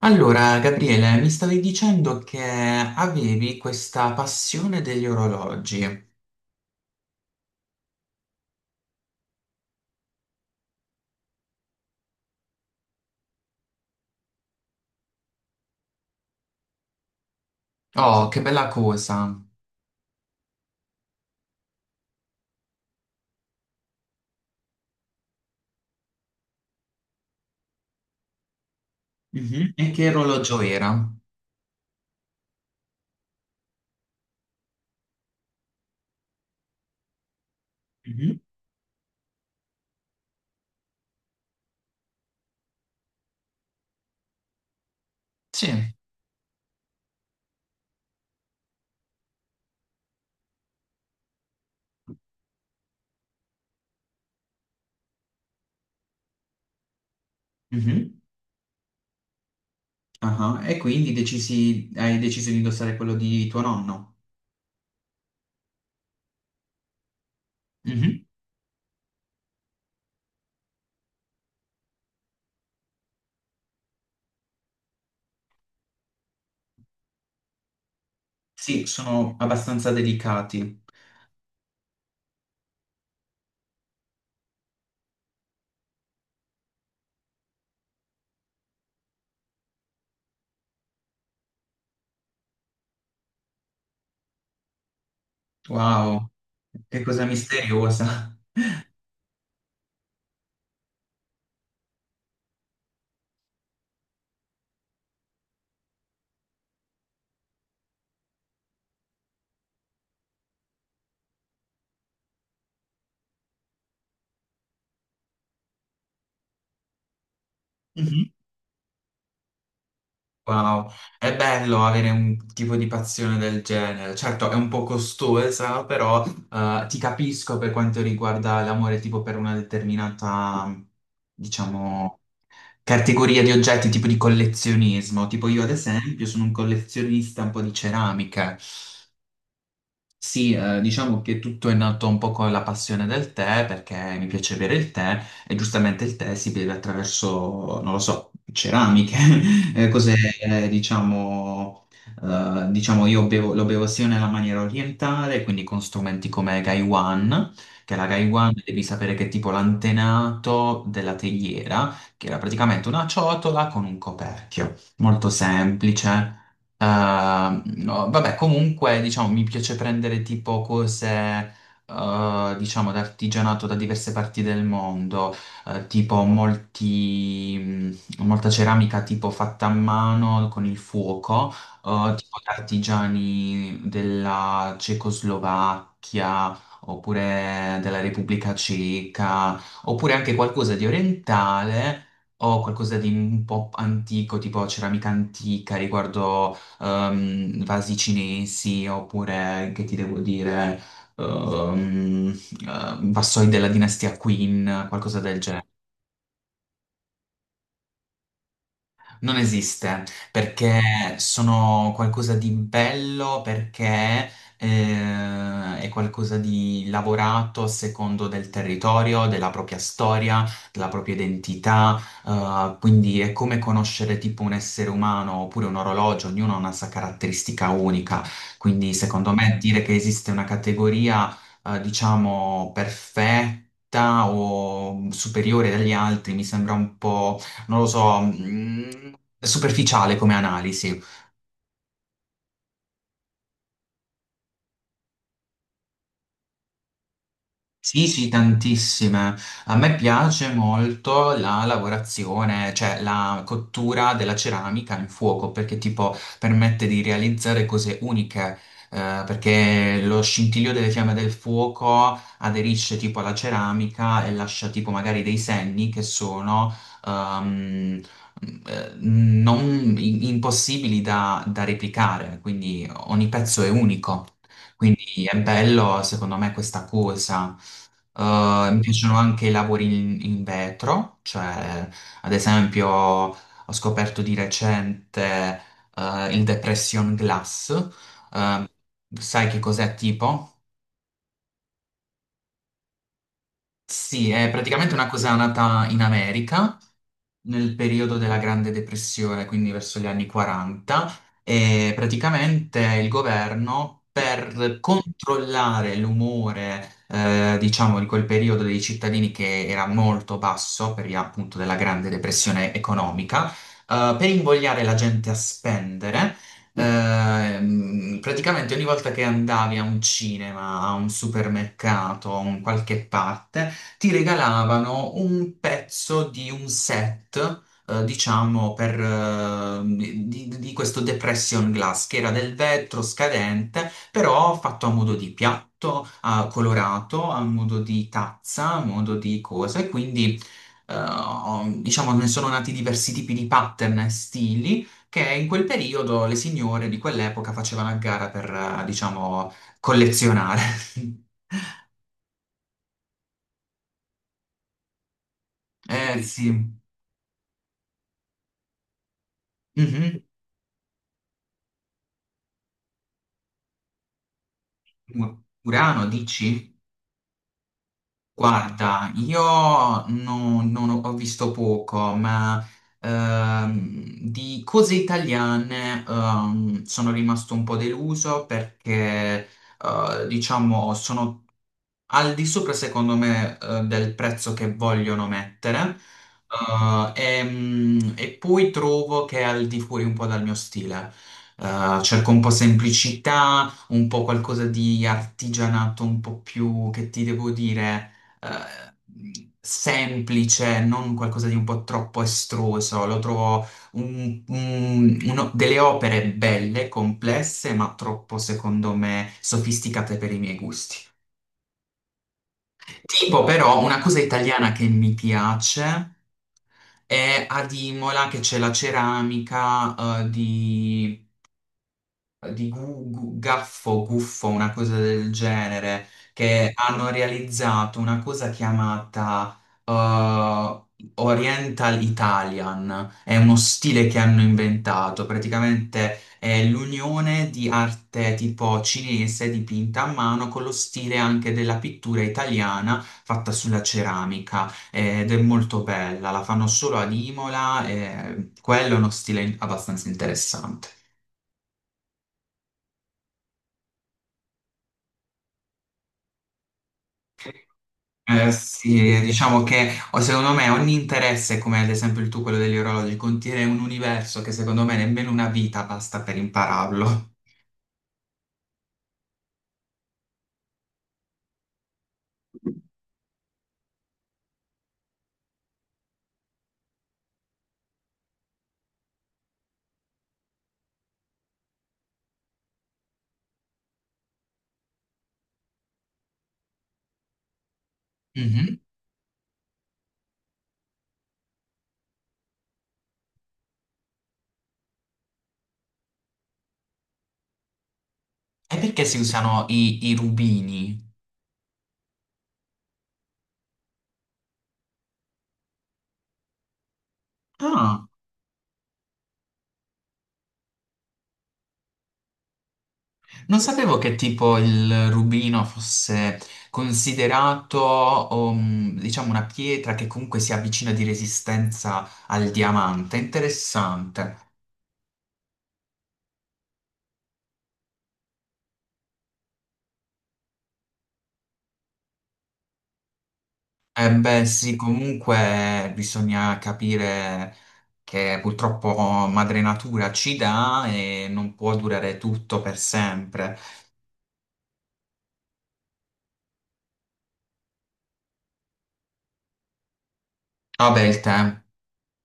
Allora, Gabriele, mi stavi dicendo che avevi questa passione degli orologi. Oh, che bella cosa! Mhm. E che orologio era? Mhm. Sì. Mhm. Ah, hai deciso di indossare quello di tuo nonno? Mhm. Sì, sono abbastanza delicati. Wow. Che cosa misteriosa. Wow, è bello avere un tipo di passione del genere. Certo, è un po' costosa, però ti capisco per quanto riguarda l'amore tipo per una determinata, diciamo, categoria di oggetti, tipo di collezionismo. Tipo io ad esempio sono un collezionista un po' di ceramiche. Sì, diciamo che tutto è nato un po' con la passione del tè, perché mi piace bere il tè e giustamente il tè si beve attraverso, non lo so, ceramiche, cose, eh, diciamo, diciamo lo bevo sia nella maniera orientale, quindi con strumenti come Gaiwan, che la Gaiwan devi sapere che è tipo l'antenato della teiera, che era praticamente una ciotola con un coperchio, molto semplice. No, vabbè, comunque, diciamo, mi piace prendere tipo cose, diciamo, d'artigianato da diverse parti del mondo, tipo molti, molta ceramica tipo fatta a mano con il fuoco, tipo da artigiani della Cecoslovacchia. Oppure della Repubblica Ceca, oppure anche qualcosa di orientale o qualcosa di un po' antico, tipo ceramica antica riguardo vasi cinesi oppure, che ti devo dire, ehm, vassoi della dinastia Qin, qualcosa del Non esiste perché sono qualcosa di bello, perché è qualcosa di lavorato a secondo del territorio, della propria storia, della propria identità, quindi è come conoscere tipo un essere umano oppure un orologio, ognuno ha una sua caratteristica unica, quindi secondo me dire che esiste una categoria diciamo perfetta o superiore agli altri mi sembra un po' non lo so, superficiale come analisi. Sì, sì, tantissime. A me piace molto la lavorazione, cioè la cottura della ceramica in fuoco, perché tipo permette di realizzare cose uniche, perché lo scintillio delle fiamme del fuoco aderisce tipo alla ceramica e lascia tipo magari dei segni che sono ehm, non impossibili da replicare, quindi ogni pezzo è unico. Quindi è bello, secondo me, questa cosa. Mi piacciono anche i lavori in vetro, cioè ad esempio ho scoperto di recente il Depression Glass. Eh, sai che cos'è tipo? Sì, è praticamente una cosa nata in America nel periodo della Grande Depressione, quindi verso gli anni 40, e praticamente il governo per controllare l'umore, diciamo, di quel periodo dei cittadini che era molto basso per via appunto della Grande Depressione economica, per invogliare la gente a spendere. Praticamente ogni volta che andavi a un cinema, a un supermercato, a un qualche parte, ti regalavano un pezzo di un set, diciamo, per, di questo depression glass, che era del vetro scadente, però fatto a modo di piatto, ah, colorato, a modo di tazza, a modo di cosa, e quindi, diciamo, ne sono nati diversi tipi di pattern e stili. Che in quel periodo le signore di quell'epoca facevano a gara per, diciamo, collezionare. Eh sì. Mhm. Urano, dici? Guarda, io non, non ho visto poco, ma di cose italiane sono rimasto un po' deluso perché, diciamo, sono al di sopra, secondo me, del prezzo che vogliono mettere. eh, e poi trovo che è al di fuori un po' dal mio stile. Cerco un po' semplicità, un po' qualcosa di artigianato, un po' più, che ti devo dire, eh, semplice, non qualcosa di un po' troppo estruso. Lo trovo delle opere belle, complesse, ma troppo, secondo me, sofisticate per i miei gusti. Tipo, però, una cosa italiana che mi piace è ad Imola che c'è la ceramica, di gaffo, guffo, una cosa del genere, che hanno realizzato una cosa chiamata Oriental Italian. È uno stile che hanno inventato, praticamente è l'unione di arte tipo cinese dipinta a mano con lo stile anche della pittura italiana fatta sulla ceramica ed è molto bella, la fanno solo ad Imola e quello è uno stile abbastanza interessante. Sì, diciamo che o secondo me ogni interesse, come ad esempio il tuo, quello degli orologi, contiene un universo che secondo me nemmeno una vita basta per impararlo. Mhm. E perché si usano i rubini? Ah, non sapevo che tipo il rubino fosse considerato, diciamo, una pietra che comunque si avvicina di resistenza al diamante. Interessante. Eh beh, sì, comunque bisogna capire che purtroppo madre natura ci dà e non può durare tutto per sempre. Vabbè, il tempo.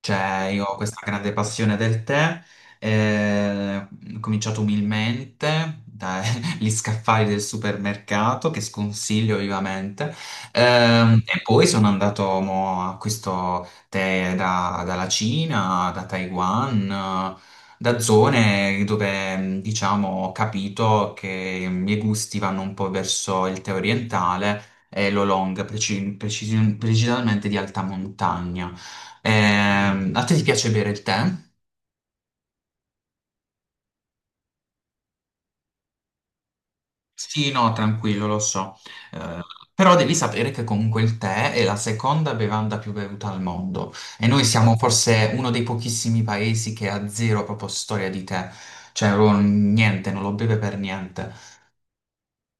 Cioè, io ho questa grande passione del tè, eh, ho cominciato umilmente dagli scaffali del supermercato, che sconsiglio vivamente, e poi sono andato mo, a questo tè dalla Cina, da Taiwan, da zone dove, diciamo, ho capito che i miei gusti vanno un po' verso il tè orientale e l'oolong, precisamente di alta montagna. A te ti piace bere il tè? Sì, no, tranquillo, lo so. Eh, però devi sapere che comunque il tè è la seconda bevanda più bevuta al mondo e noi siamo forse uno dei pochissimi paesi che ha zero proprio storia di tè, cioè proprio niente, non lo beve per niente.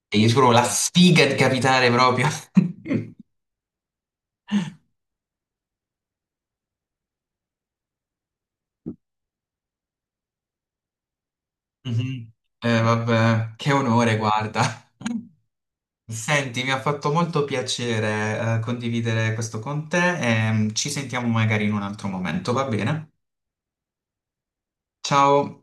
E io trovo la sfiga di capitare proprio. Mhm. Vabbè, che onore, guarda. Senti, mi ha fatto molto piacere, condividere questo con te e ci sentiamo magari in un altro momento, va bene? Ciao!